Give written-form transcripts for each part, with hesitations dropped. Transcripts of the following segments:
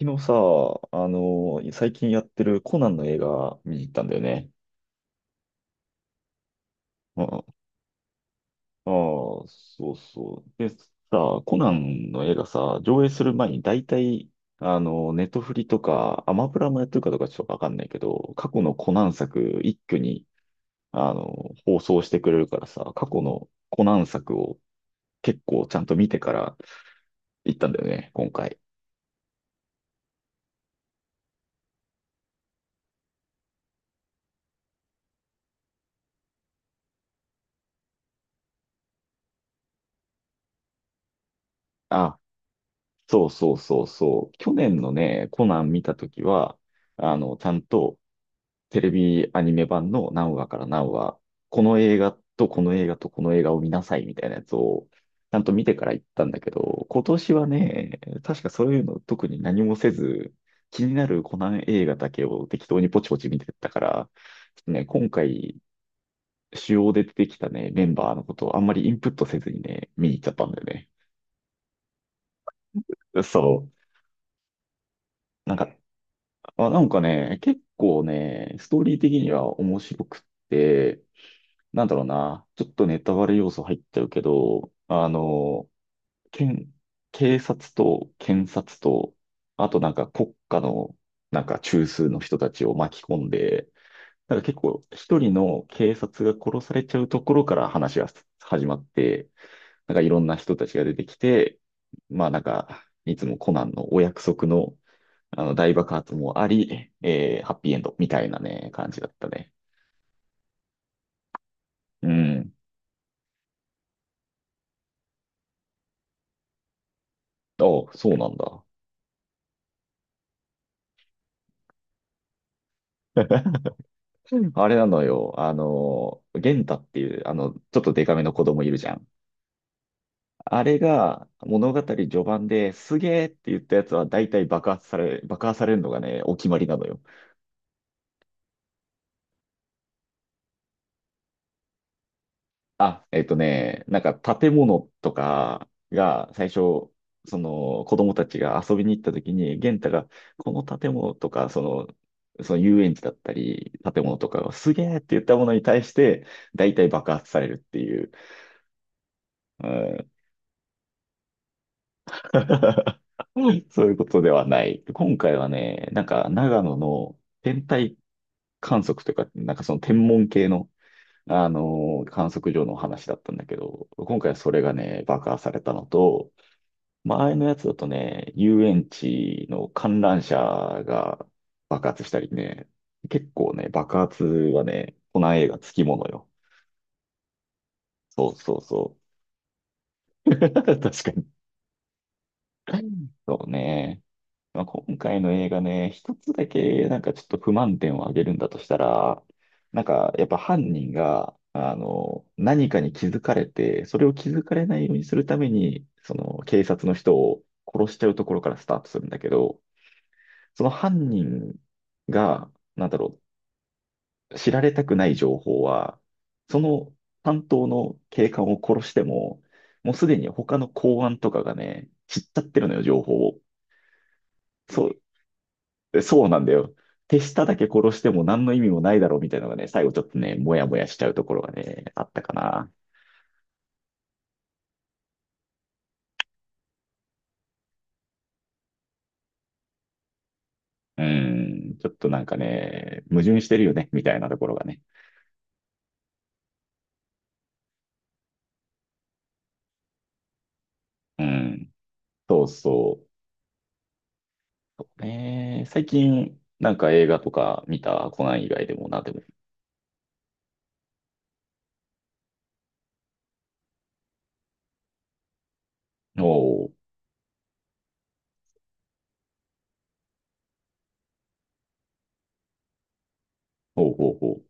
昨日さ、最近やってるコナンの映画見に行ったんだよね。ああ、そうそう。でさ、コナンの映画さ、上映する前に大体、ネトフリとか、アマプラもやってるかどうかちょっとわかんないけど、過去のコナン作一挙に、放送してくれるからさ、過去のコナン作を結構ちゃんと見てから行ったんだよね、今回。あ、そうそうそうそう。去年のね、コナン見たときは、ちゃんと、テレビアニメ版の何話から何話、この映画とこの映画とこの映画を見なさいみたいなやつを、ちゃんと見てから行ったんだけど、今年はね、確かそういうの特に何もせず、気になるコナン映画だけを適当にポチポチ見てったから、ちょっとね、今回、主要で出てきたね、メンバーのことをあんまりインプットせずにね、見に行っちゃったんだよね。そう。なんか、あ、なんかね、結構ね、ストーリー的には面白くって、なんだろうな、ちょっとネタバレ要素入っちゃうけど、検、警察と検察と、あとなんか国家のなんか中枢の人たちを巻き込んで、なんか結構一人の警察が殺されちゃうところから話が始まって、なんかいろんな人たちが出てきて、まあなんか、いつもコナンのお約束の、あの大爆発もあり、ハッピーエンドみたいなね、感じだったね。うん。あ、そうなんだ。あれなのよ。あの、元太っていう、あの、ちょっとデカめの子供いるじゃん。あれが物語序盤ですげーって言ったやつは大体爆破されるのがね、お決まりなのよ。あ、えっとね、なんか建物とかが最初、その子供たちが遊びに行った時に、元太がこの建物とか、その、その遊園地だったり、建物とかがすげーって言ったものに対して、大体爆発されるっていう。そういうことではない。今回はね、なんか長野の天体観測というか、なんかその天文系の、観測所の話だったんだけど、今回はそれがね、爆破されたのと、前のやつだとね、遊園地の観覧車が爆発したりね、結構ね、爆発はね、この映画つきものよ。そうそうそう。確かに。そうね。まあ、今回の映画ね、一つだけなんかちょっと不満点を挙げるんだとしたら、なんかやっぱ犯人が、あの、何かに気づかれて、それを気づかれないようにするために、その警察の人を殺しちゃうところからスタートするんだけど、その犯人が、なんだろう、知られたくない情報は、その担当の警官を殺しても、もうすでに他の公安とかがね、知っちゃってるのよ、情報を。そう、そうなんだよ。手下だけ殺しても何の意味もないだろうみたいなのがね、最後ちょっとね、もやもやしちゃうところがね、あったかな。うん、ちょっとなんかね、矛盾してるよね、みたいなところがね。うん、そうそう。そうね、最近、なんか映画とか見たコナン以外でもな、でも。おお、おうおうおう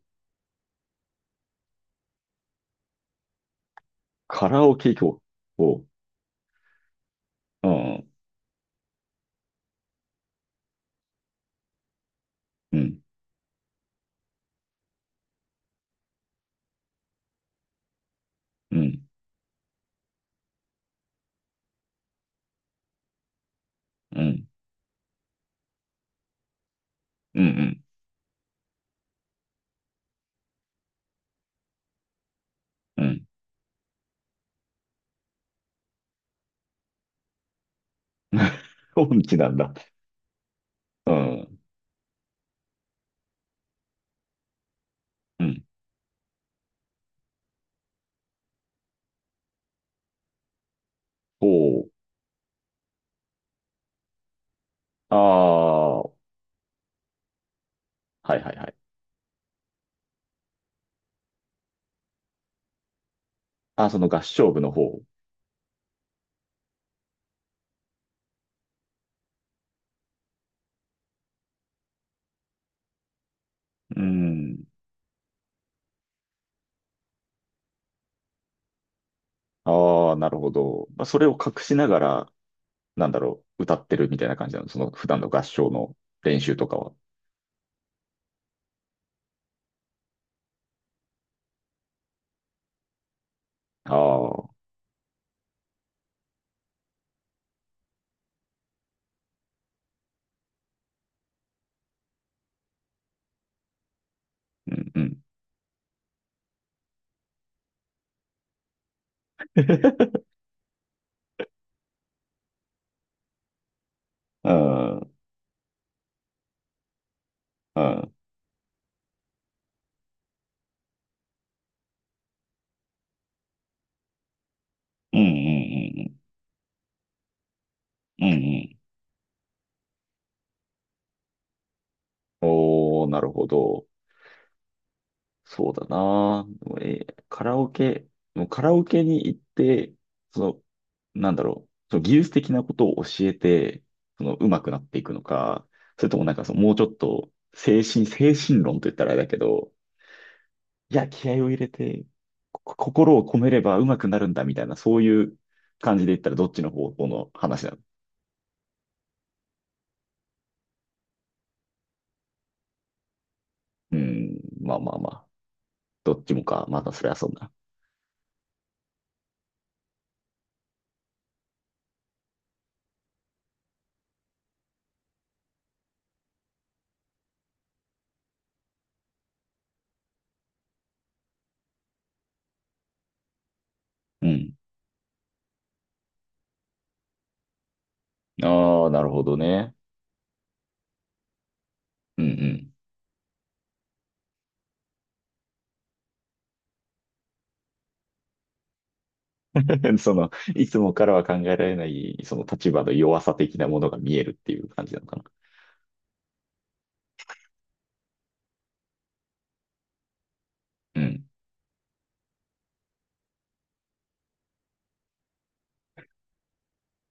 カラオケ行こう。おう、うん、うん、うん、うん、うん、うん。うん。 音痴なんだ。うん、うん。おう。ああ、はいはいはい。あ、その合唱部の方。うん。ああ、なるほど。まあ、それを隠しながら、なんだろう、歌ってるみたいな感じなの。その普段の合唱の練習とかは。ああ、うんうん。うん。うん。うん。うん。うん。うん。うん。おー、なるほど。そうだな。でもカラオケ、もうカラオケに行って、その、なんだろう、その技術的なことを教えて、その、上手くなっていくのか、それともなんかその、もうちょっと、精神論と言ったらあれだけど、いや、気合を入れて、心を込めれば上手くなるんだみたいな、そういう感じで言ったらどっちの方向の話なの？うん、まあまあまあ。どっちもか。またそれはそうだ。うん。ああ、なるほどね。うんうん。その、いつもからは考えられない、その立場の弱さ的なものが見えるっていう感じなのかな。うん。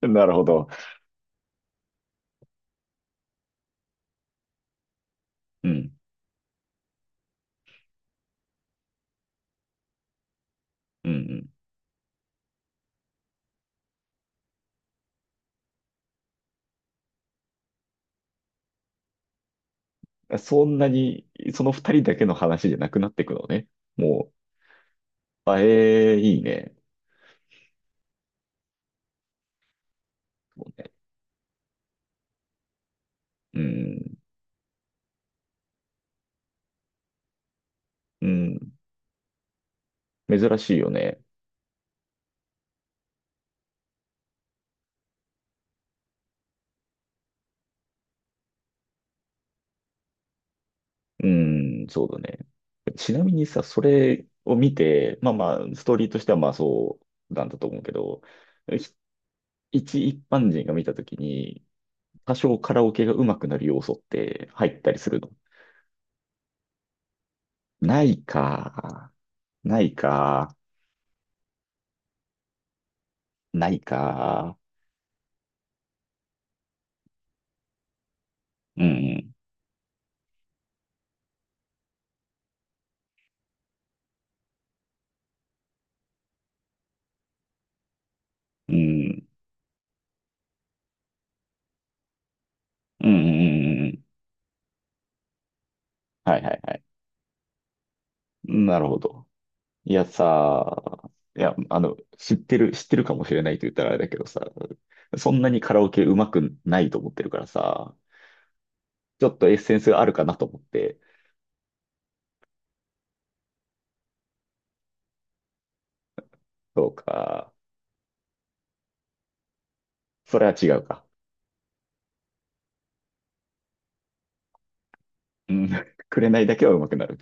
なるほど。うん。うんうん。そんなに、その二人だけの話じゃなくなっていくのね。もう、あ、ええいいね。そうね。うん。うん。珍しいよね。うん、そうだね。ちなみにさ、それを見て、まあまあ、ストーリーとしてはまあそうなんだと思うけど、ひ一般人が見たときに、多少カラオケが上手くなる要素って入ったりするの？ないか。ないか。ないか。うん。うん。うん。うん。うん。はいはいはい。なるほど。いやさ、いや、あの、知ってるかもしれないと言ったらあれだけどさ、そんなにカラオケ上手くないと思ってるからさ、ちょっとエッセンスがあるかなと思って、そうか。それは違うか。うん。紅だけは上手くなる。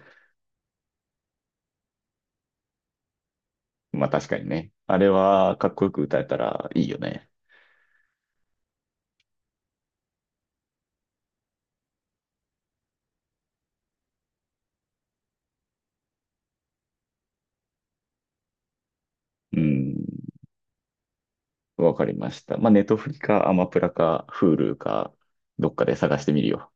まあ確かにね。あれはかっこよく歌えたらいいよね。うん、わかりました。まあ、ネトフリか、アマプラか、フールか、どっかで探してみるよ。